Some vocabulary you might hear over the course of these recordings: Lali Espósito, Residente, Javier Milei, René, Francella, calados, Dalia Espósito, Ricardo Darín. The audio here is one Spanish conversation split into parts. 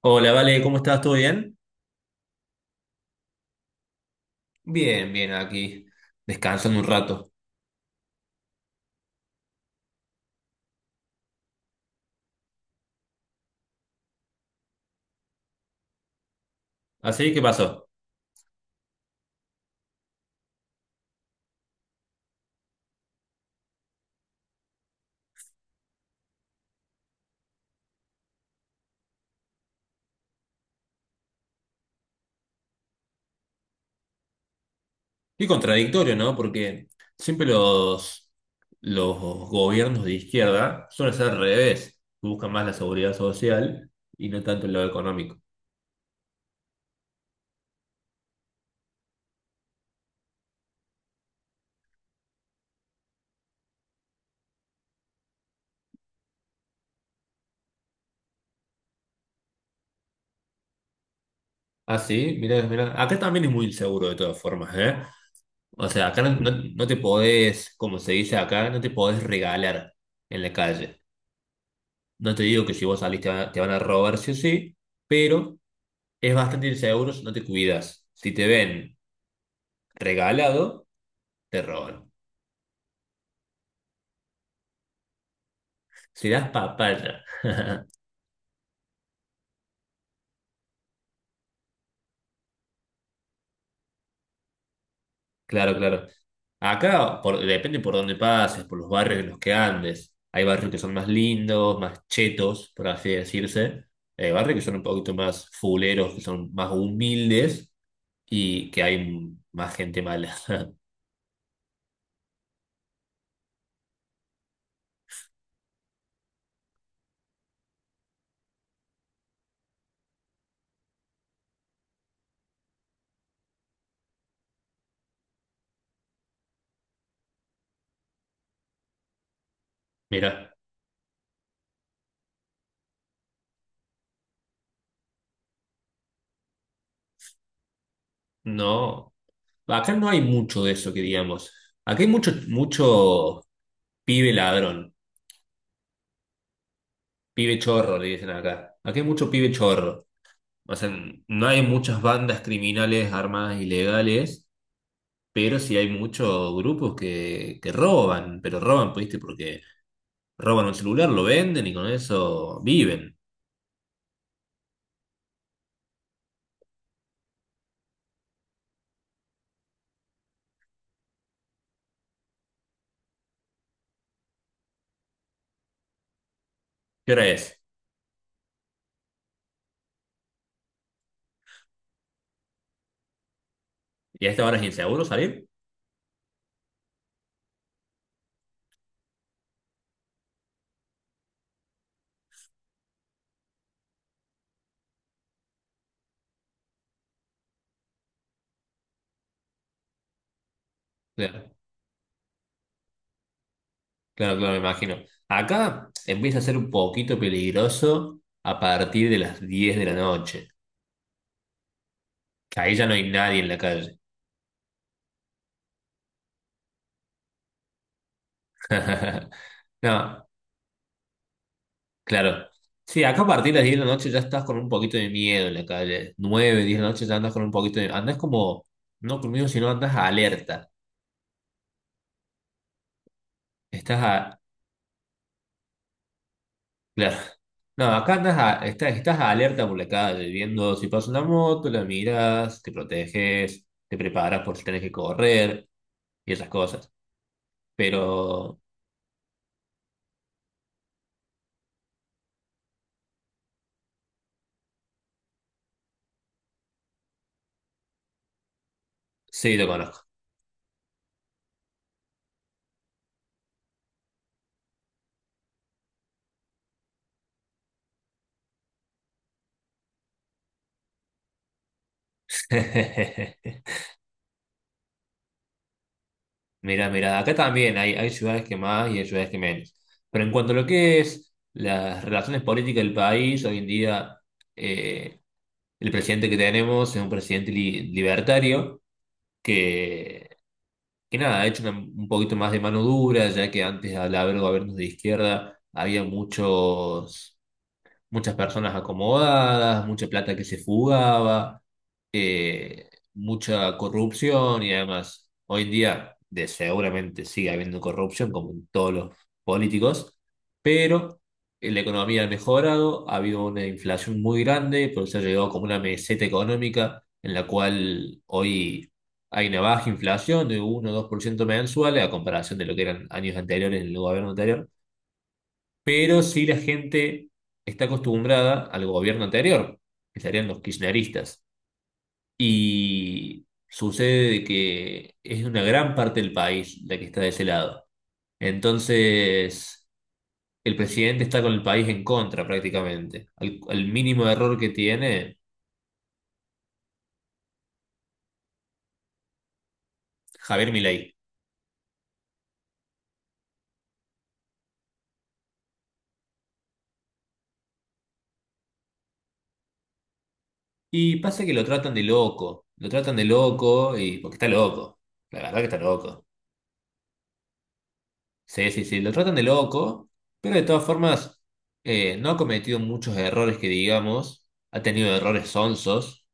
Hola, Vale, ¿cómo estás? ¿Todo bien? Bien, bien, aquí, descansando un rato. Así, ¿qué pasó? Y contradictorio, ¿no? Porque siempre los gobiernos de izquierda suelen ser al revés, buscan más la seguridad social y no tanto el lado económico. Ah, sí, mirá, mirá. Acá también es muy inseguro de todas formas, ¿eh? O sea, acá no te podés, como se dice acá, no te podés regalar en la calle. No te digo que si vos salís te van a robar, sí o sí, pero es bastante inseguro si no te cuidas. Si te ven regalado, te roban. Si das papaya. Claro, claro. Acá depende por dónde pases, por los barrios en los que andes. Hay barrios que son más lindos, más chetos, por así decirse. Hay barrios que son un poquito más fuleros, que son más humildes y que hay más gente mala. Mira, no. Acá no hay mucho de eso que digamos. Acá hay mucho, mucho pibe ladrón. Pibe chorro, le dicen acá. Aquí hay mucho pibe chorro. O sea, no hay muchas bandas criminales armadas ilegales, pero sí hay muchos grupos que roban, pero roban, pues, ¿viste? Porque roban un celular, lo venden y con eso viven. ¿Qué hora es? ¿Y a esta hora es inseguro salir? Claro, claro, claro, me imagino. Acá empieza a ser un poquito peligroso a partir de las 10 de la noche, que ahí ya no hay nadie en la calle. No, claro. Sí, acá a partir de las 10 de la noche ya estás con un poquito de miedo en la calle. 9, 10 de la noche ya andas con un poquito de... Andás como, no con miedo, sino andas alerta. Estás a... Claro. No, acá andas a... estás alerta por la calle, viendo si pasa una moto, la miras, te proteges, te preparas por si tenés que correr y esas cosas. Pero sí, lo conozco. Mira, mira, acá también hay ciudades que más y hay ciudades que menos. Pero en cuanto a lo que es las relaciones políticas del país, hoy en día eh, el presidente que tenemos es un presidente libertario que, que nada, ha hecho un poquito más de mano dura, ya que antes al haber gobiernos de izquierda había muchos muchas personas acomodadas, mucha plata que se fugaba, eh, mucha corrupción y además hoy en día seguramente sigue habiendo corrupción como en todos los políticos, pero la economía ha mejorado, ha habido una inflación muy grande, por eso ha llegado como una meseta económica en la cual hoy hay una baja inflación de 1 o 2% mensuales a comparación de lo que eran años anteriores en el gobierno anterior, pero sí la gente está acostumbrada al gobierno anterior, que serían los kirchneristas. Y sucede de que es una gran parte del país la que está de ese lado. Entonces, el presidente está con el país en contra prácticamente. Al mínimo error que tiene Javier Milei. Y pasa que lo tratan de loco, lo tratan de loco y porque está loco, la verdad que está loco. Sí, sí, sí, lo tratan de loco, pero de todas formas no ha cometido muchos errores que digamos, ha tenido errores sonsos,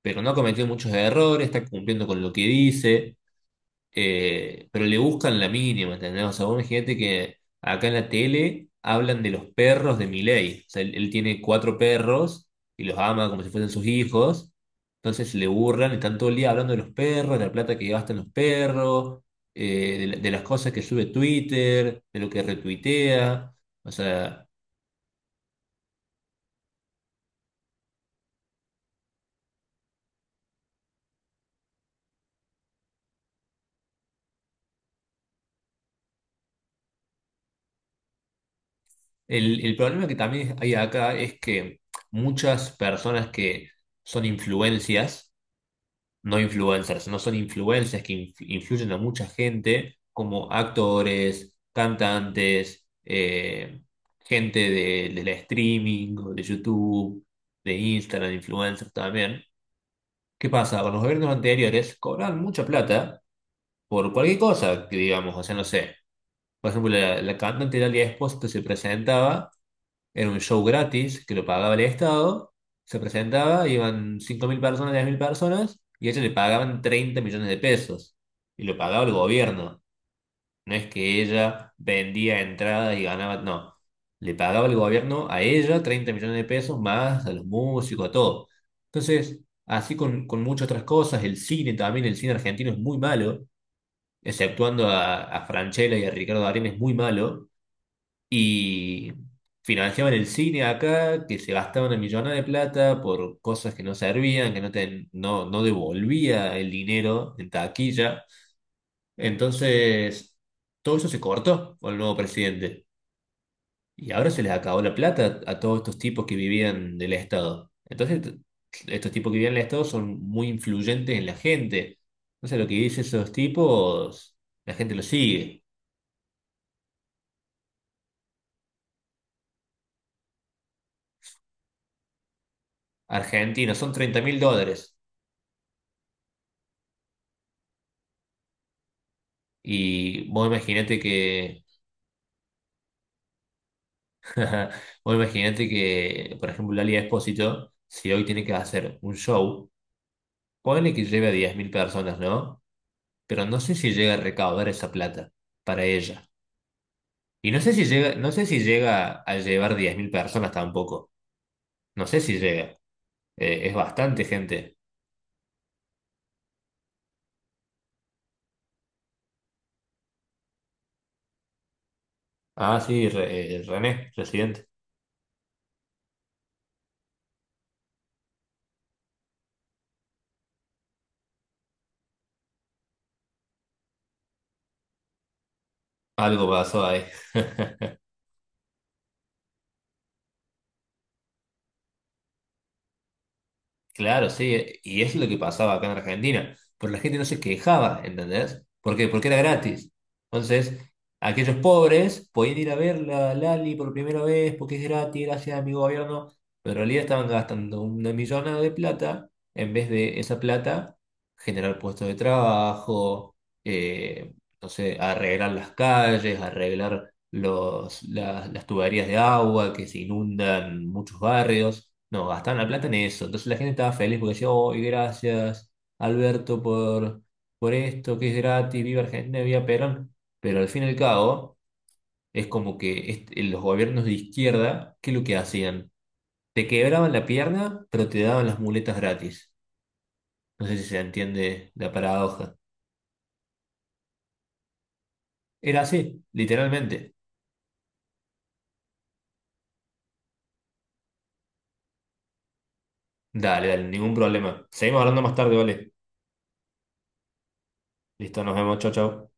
pero no ha cometido muchos errores, está cumpliendo con lo que dice, pero le buscan la mínima, ¿entendés? O sea, vos imagínate que acá en la tele hablan de los perros de Milei. O sea, él tiene cuatro perros y los ama como si fuesen sus hijos. Entonces le burlan, están todo el día hablando de los perros, de la plata que gastan los perros, de las cosas que sube Twitter, de lo que retuitea. O sea, el problema que también hay acá es que muchas personas que son influencias, no influencers, no son influencias que influyen a mucha gente, como actores, cantantes, gente de la streaming, o de YouTube, de Instagram, influencers también. ¿Qué pasa? Con los gobiernos anteriores cobran mucha plata por cualquier cosa, que digamos, o sea, no sé. Por ejemplo, la cantante Dalia Espósito se presentaba era un show gratis que lo pagaba el Estado. Se presentaba, iban 5.000 personas, 10.000 personas, y a ella le pagaban 30 millones de pesos. Y lo pagaba el gobierno. No es que ella vendía entradas y ganaba, no. Le pagaba el gobierno a ella 30 millones de pesos más a los músicos, a todo. Entonces, así con muchas otras cosas, el cine también, el cine argentino es muy malo, exceptuando a Francella y a Ricardo Darín es muy malo. Y financiaban el cine acá, que se gastaban una millonada de plata por cosas que no servían, que no, no devolvía el dinero en taquilla. Entonces, todo eso se cortó con el nuevo presidente. Y ahora se les acabó la plata a todos estos tipos que vivían del Estado. Entonces, estos tipos que vivían del Estado son muy influyentes en la gente. Entonces, lo que dicen esos tipos, la gente lo sigue. Argentina, son 30.000 dólares. Y vos imaginate que, vos imaginate que, por ejemplo, Lali Espósito, si hoy tiene que hacer un show, ponele que lleve a 10.000 personas, ¿no? Pero no sé si llega a recaudar esa plata para ella. Y no sé si llega a llevar 10.000 personas tampoco. No sé si llega. Es bastante gente. Ah, sí, René, residente. Algo pasó ahí. Claro, sí, y eso es lo que pasaba acá en Argentina, pero la gente no se quejaba, ¿entendés? ¿Por qué? Porque era gratis. Entonces, aquellos pobres podían ir a ver la Lali por primera vez porque es gratis, gracias a mi gobierno, pero en realidad estaban gastando una millonada de plata en vez de esa plata generar puestos de trabajo, eh, no sé, arreglar las calles, arreglar las tuberías de agua que se inundan muchos barrios. No, gastaban la plata en eso. Entonces la gente estaba feliz porque decía, oh, gracias, Alberto, por, esto, que es gratis, viva Argentina, viva Perón. Pero al fin y al cabo, es como que los gobiernos de izquierda, ¿qué es lo que hacían? Te quebraban la pierna, pero te daban las muletas gratis. No sé si se entiende la paradoja. Era así, literalmente. Dale, dale, ningún problema. Seguimos hablando más tarde, ¿vale? Listo, nos vemos, chao, chao.